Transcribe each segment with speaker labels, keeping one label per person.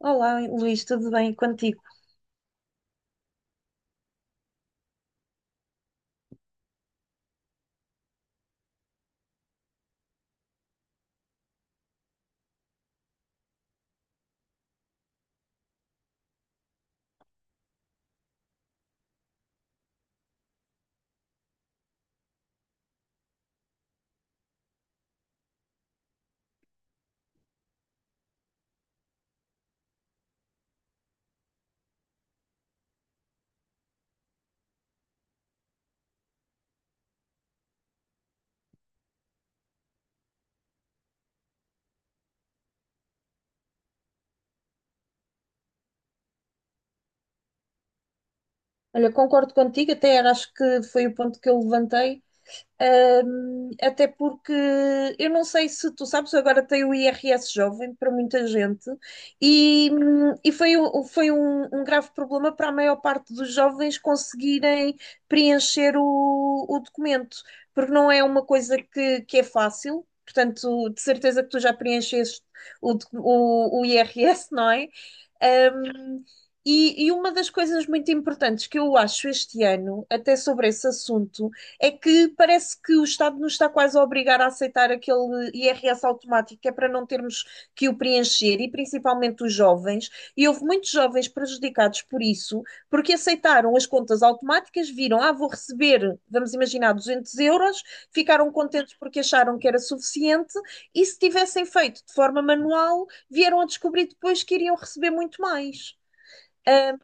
Speaker 1: Olá, Luís, tudo bem contigo? Olha, concordo contigo, até era, acho que foi o ponto que eu levantei, até porque eu não sei se tu sabes, agora tem o IRS jovem para muita gente e foi, foi um grave problema para a maior parte dos jovens conseguirem preencher o documento, porque não é uma coisa que é fácil, portanto, de certeza que tu já preencheste o, docu- o IRS, não é? Um, e uma das coisas muito importantes que eu acho este ano, até sobre esse assunto, é que parece que o Estado nos está quase a obrigar a aceitar aquele IRS automático, que é para não termos que o preencher, e principalmente os jovens. E houve muitos jovens prejudicados por isso, porque aceitaram as contas automáticas, viram, vou receber, vamos imaginar, 200 euros, ficaram contentes porque acharam que era suficiente, e se tivessem feito de forma manual vieram a descobrir depois que iriam receber muito mais. Ah,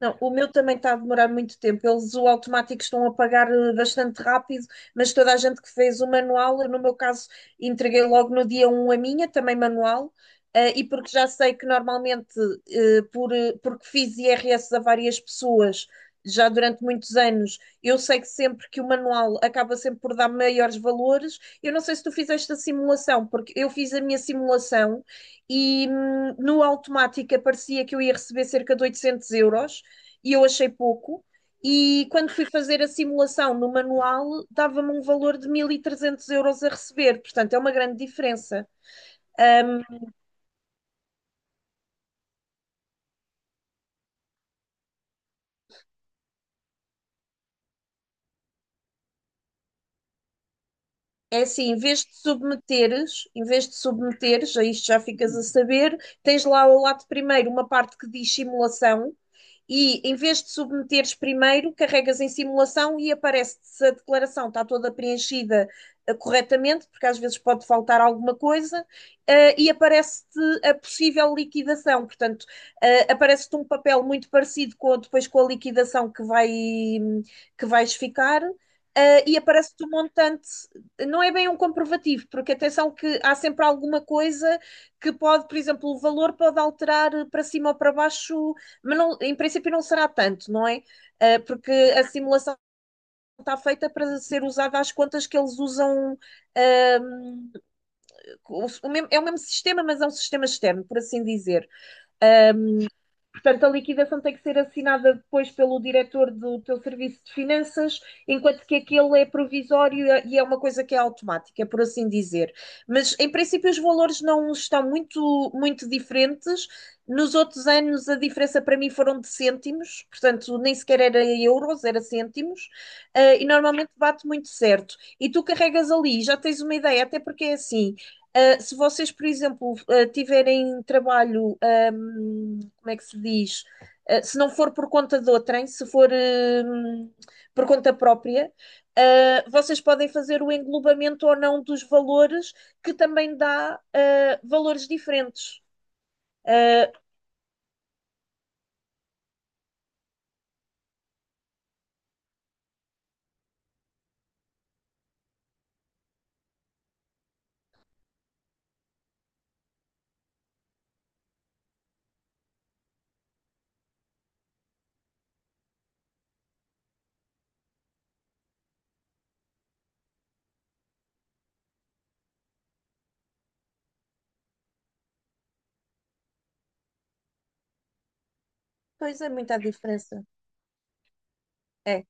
Speaker 1: não, o meu também está a demorar muito tempo. Eles o automático estão a pagar bastante rápido, mas toda a gente que fez o manual, eu, no meu caso, entreguei logo no dia um a minha, também manual, e porque já sei que normalmente, porque fiz IRS a várias pessoas já durante muitos anos, eu sei que sempre que o manual acaba sempre por dar maiores valores. Eu não sei se tu fizeste a simulação, porque eu fiz a minha simulação e no automático aparecia que eu ia receber cerca de 800 € e eu achei pouco. E quando fui fazer a simulação no manual, dava-me um valor de 1300 € a receber, portanto é uma grande diferença. Ahm, É assim, em vez de submeteres, a isto já ficas a saber, tens lá ao lado primeiro uma parte que diz simulação. E em vez de submeteres primeiro, carregas em simulação e aparece-te se a declaração está toda preenchida corretamente, porque às vezes pode faltar alguma coisa, e aparece-te a possível liquidação. Portanto, aparece-te um papel muito parecido com, depois com a liquidação que vais ficar. E aparece-te um montante, não é bem um comprovativo, porque atenção que há sempre alguma coisa que pode, por exemplo, o valor pode alterar para cima ou para baixo, mas não, em princípio não será tanto, não é? Porque a simulação está feita para ser usada às contas que eles usam. O mesmo, é o mesmo sistema, mas é um sistema externo, por assim dizer. Portanto, a liquidação tem que ser assinada depois pelo diretor do teu serviço de finanças, enquanto que aquele é provisório e é uma coisa que é automática, por assim dizer. Mas, em princípio, os valores não estão muito, muito diferentes. Nos outros anos, a diferença para mim foram de cêntimos, portanto, nem sequer era euros, era cêntimos, e normalmente bate muito certo. E tu carregas ali, já tens uma ideia, até porque é assim, se vocês, por exemplo, tiverem trabalho, como é que se diz? Se não for por conta de outrem, se for por conta própria, vocês podem fazer o englobamento ou não dos valores, que também dá valores diferentes. Uh, Pois é, muita diferença. É,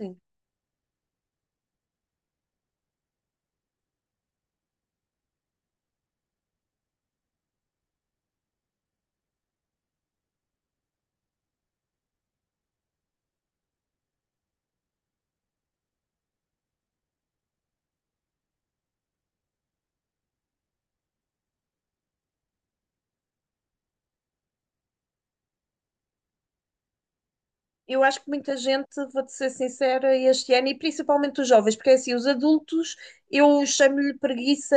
Speaker 1: sim. Eu acho que muita gente, vou-te ser sincera, este ano, e principalmente os jovens, porque é assim, os adultos, eu chamo-lhe preguiça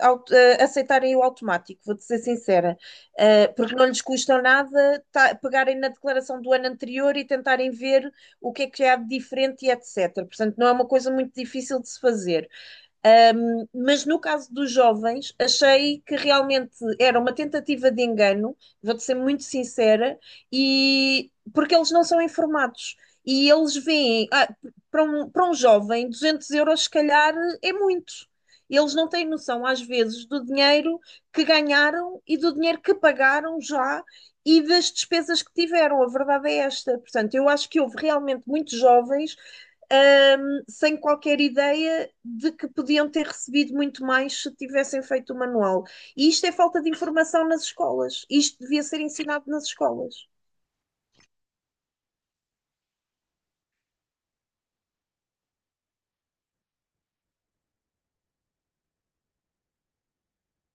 Speaker 1: aceitarem o automático, vou-te ser sincera. Porque não lhes custa nada pegarem na declaração do ano anterior e tentarem ver o que é que há de diferente e etc. Portanto, não é uma coisa muito difícil de se fazer. Mas no caso dos jovens, achei que realmente era uma tentativa de engano, vou-te ser muito sincera, e porque eles não são informados. E eles veem, para um jovem, 200 € se calhar é muito. Eles não têm noção, às vezes, do dinheiro que ganharam e do dinheiro que pagaram já e das despesas que tiveram. A verdade é esta. Portanto, eu acho que houve realmente muitos jovens. Um, Sem qualquer ideia de que podiam ter recebido muito mais se tivessem feito o manual. E isto é falta de informação nas escolas. Isto devia ser ensinado nas escolas.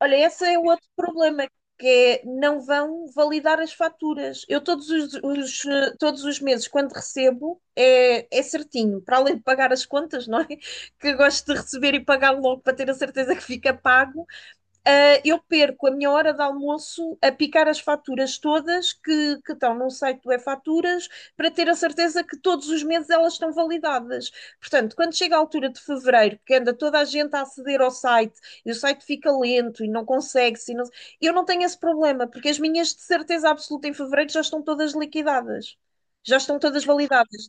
Speaker 1: Olha, esse é o outro problema, que é não vão validar as faturas. Eu todos os meses, quando recebo, é certinho, para além de pagar as contas, não é? Que eu gosto de receber e pagar logo para ter a certeza que fica pago. Ah, eu perco a minha hora de almoço a picar as faturas todas que estão no site do E-Faturas para ter a certeza que todos os meses elas estão validadas. Portanto, quando chega a altura de fevereiro, que anda toda a gente a aceder ao site e o site fica lento e não consegue, se não- eu não tenho esse problema, porque as minhas de certeza absoluta em fevereiro já estão todas liquidadas, já estão todas validadas.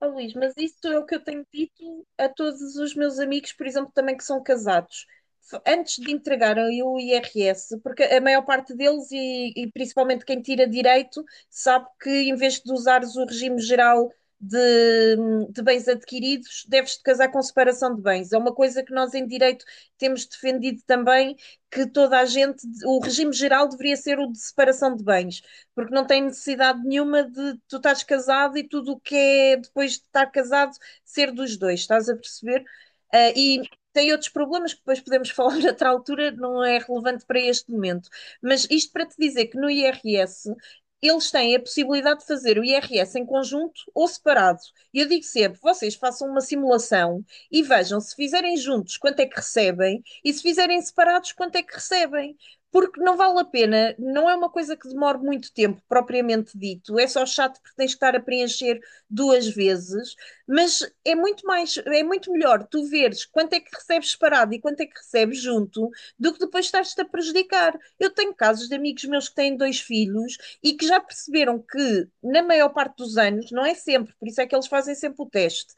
Speaker 1: Oh, Luís, mas isso é o que eu tenho dito a todos os meus amigos, por exemplo, também que são casados. Antes de entregarem o IRS, porque a maior parte deles, e principalmente quem tira direito, sabe que em vez de usares o regime geral de, de bens adquiridos, deves-te casar com separação de bens. É uma coisa que nós em direito temos defendido também, que toda a gente, o regime geral deveria ser o de separação de bens porque não tem necessidade nenhuma de tu estás casado e tudo o que é depois de estar casado ser dos dois, estás a perceber? Ah, e tem outros problemas que depois podemos falar noutra altura, não é relevante para este momento. Mas isto para te dizer que no IRS eles têm a possibilidade de fazer o IRS em conjunto ou separado. E eu digo sempre: vocês façam uma simulação e vejam se fizerem juntos quanto é que recebem e se fizerem separados quanto é que recebem. Porque não vale a pena, não é uma coisa que demore muito tempo, propriamente dito. É só chato porque tens que estar a preencher duas vezes, mas é muito mais, é muito melhor tu veres quanto é que recebes separado e quanto é que recebes junto do que depois estás-te a prejudicar. Eu tenho casos de amigos meus que têm dois filhos e que já perceberam que, na maior parte dos anos, não é sempre, por isso é que eles fazem sempre o teste.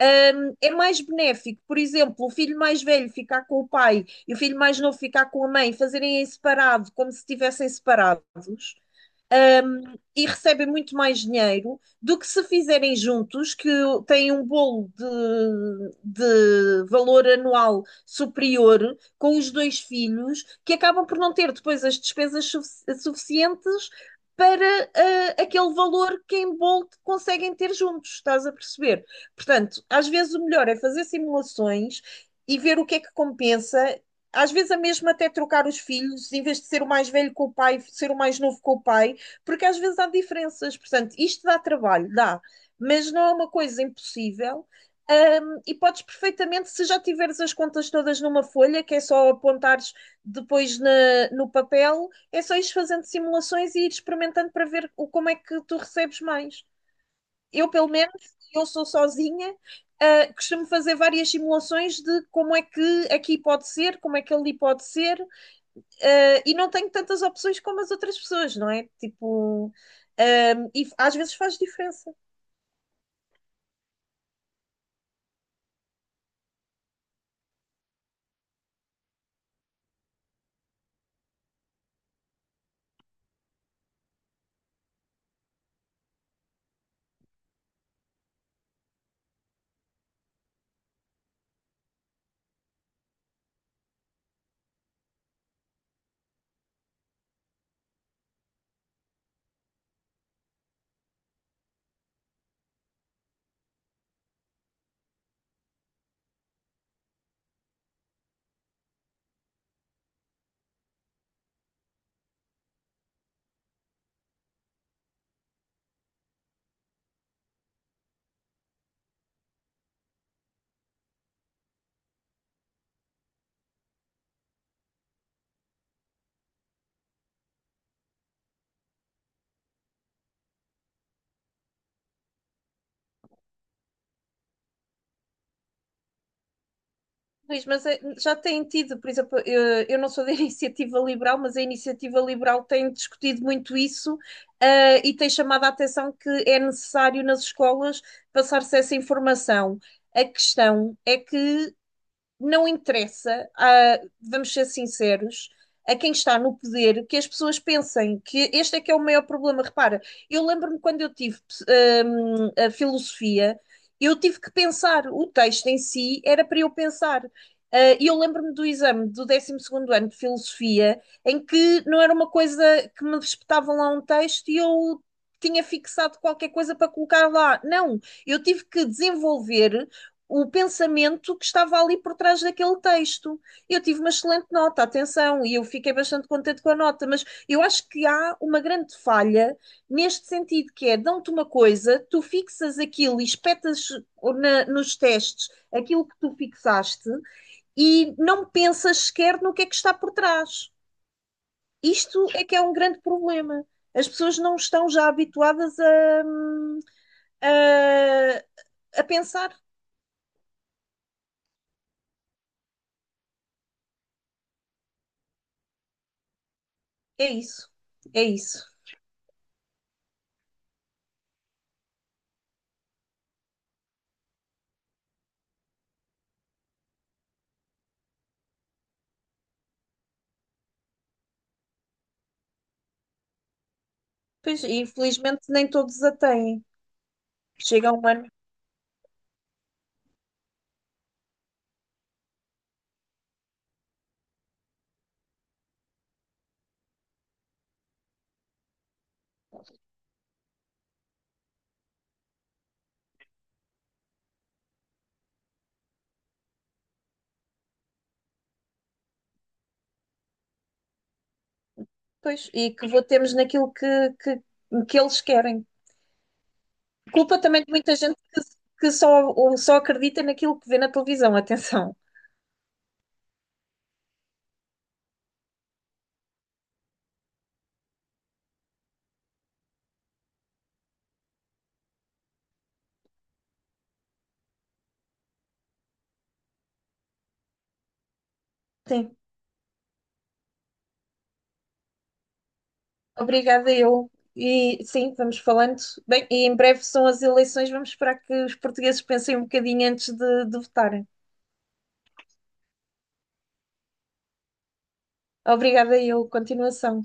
Speaker 1: É mais benéfico, por exemplo, o filho mais velho ficar com o pai e o filho mais novo ficar com a mãe, fazerem em separado, como se estivessem separados, e recebem muito mais dinheiro do que se fizerem juntos, que têm um bolo de valor anual superior com os dois filhos, que acabam por não ter depois as despesas suficientes para aquele valor que em bolo conseguem ter juntos, estás a perceber? Portanto, às vezes o melhor é fazer simulações e ver o que é que compensa. Às vezes, a mesma até trocar os filhos, em vez de ser o mais velho com o pai, ser o mais novo com o pai, porque às vezes há diferenças. Portanto, isto dá trabalho, dá, mas não é uma coisa impossível. E podes perfeitamente, se já tiveres as contas todas numa folha, que é só apontares depois no papel, é só ires fazendo simulações e ir experimentando para ver como é que tu recebes mais. Eu, pelo menos, eu sou sozinha, costumo fazer várias simulações de como é que aqui pode ser, como é que ali pode ser, e não tenho tantas opções como as outras pessoas, não é? Tipo, e às vezes faz diferença. Luís, mas já têm tido, por exemplo, eu não sou da iniciativa liberal, mas a iniciativa liberal tem discutido muito isso, e tem chamado a atenção que é necessário nas escolas passar-se essa informação. A questão é que não interessa, vamos ser sinceros, a quem está no poder que as pessoas pensem que este é que é o maior problema. Repara, eu lembro-me quando eu tive a filosofia, eu tive que pensar, o texto em si era para eu pensar. Ah, e eu lembro-me do exame do décimo segundo ano de filosofia, em que não era uma coisa que me espetavam lá um texto e eu tinha fixado qualquer coisa para colocar lá. Não, eu tive que desenvolver o pensamento que estava ali por trás daquele texto. Eu tive uma excelente nota, atenção, e eu fiquei bastante contente com a nota, mas eu acho que há uma grande falha neste sentido, que é, dão-te uma coisa, tu fixas aquilo e espetas nos testes aquilo que tu fixaste e não pensas sequer no que é que está por trás. Isto é que é um grande problema. As pessoas não estão já habituadas a, a pensar. É isso. É isso. Pois, e infelizmente nem todos a têm. Chega um ano. Pois, e que votemos naquilo que, que eles querem. Culpa também de muita gente que ou só acredita naquilo que vê na televisão, atenção. Sim, obrigada eu. E sim, vamos falando. Bem, e em breve são as eleições, vamos esperar que os portugueses pensem um bocadinho antes de votarem. Obrigada eu. Continuação.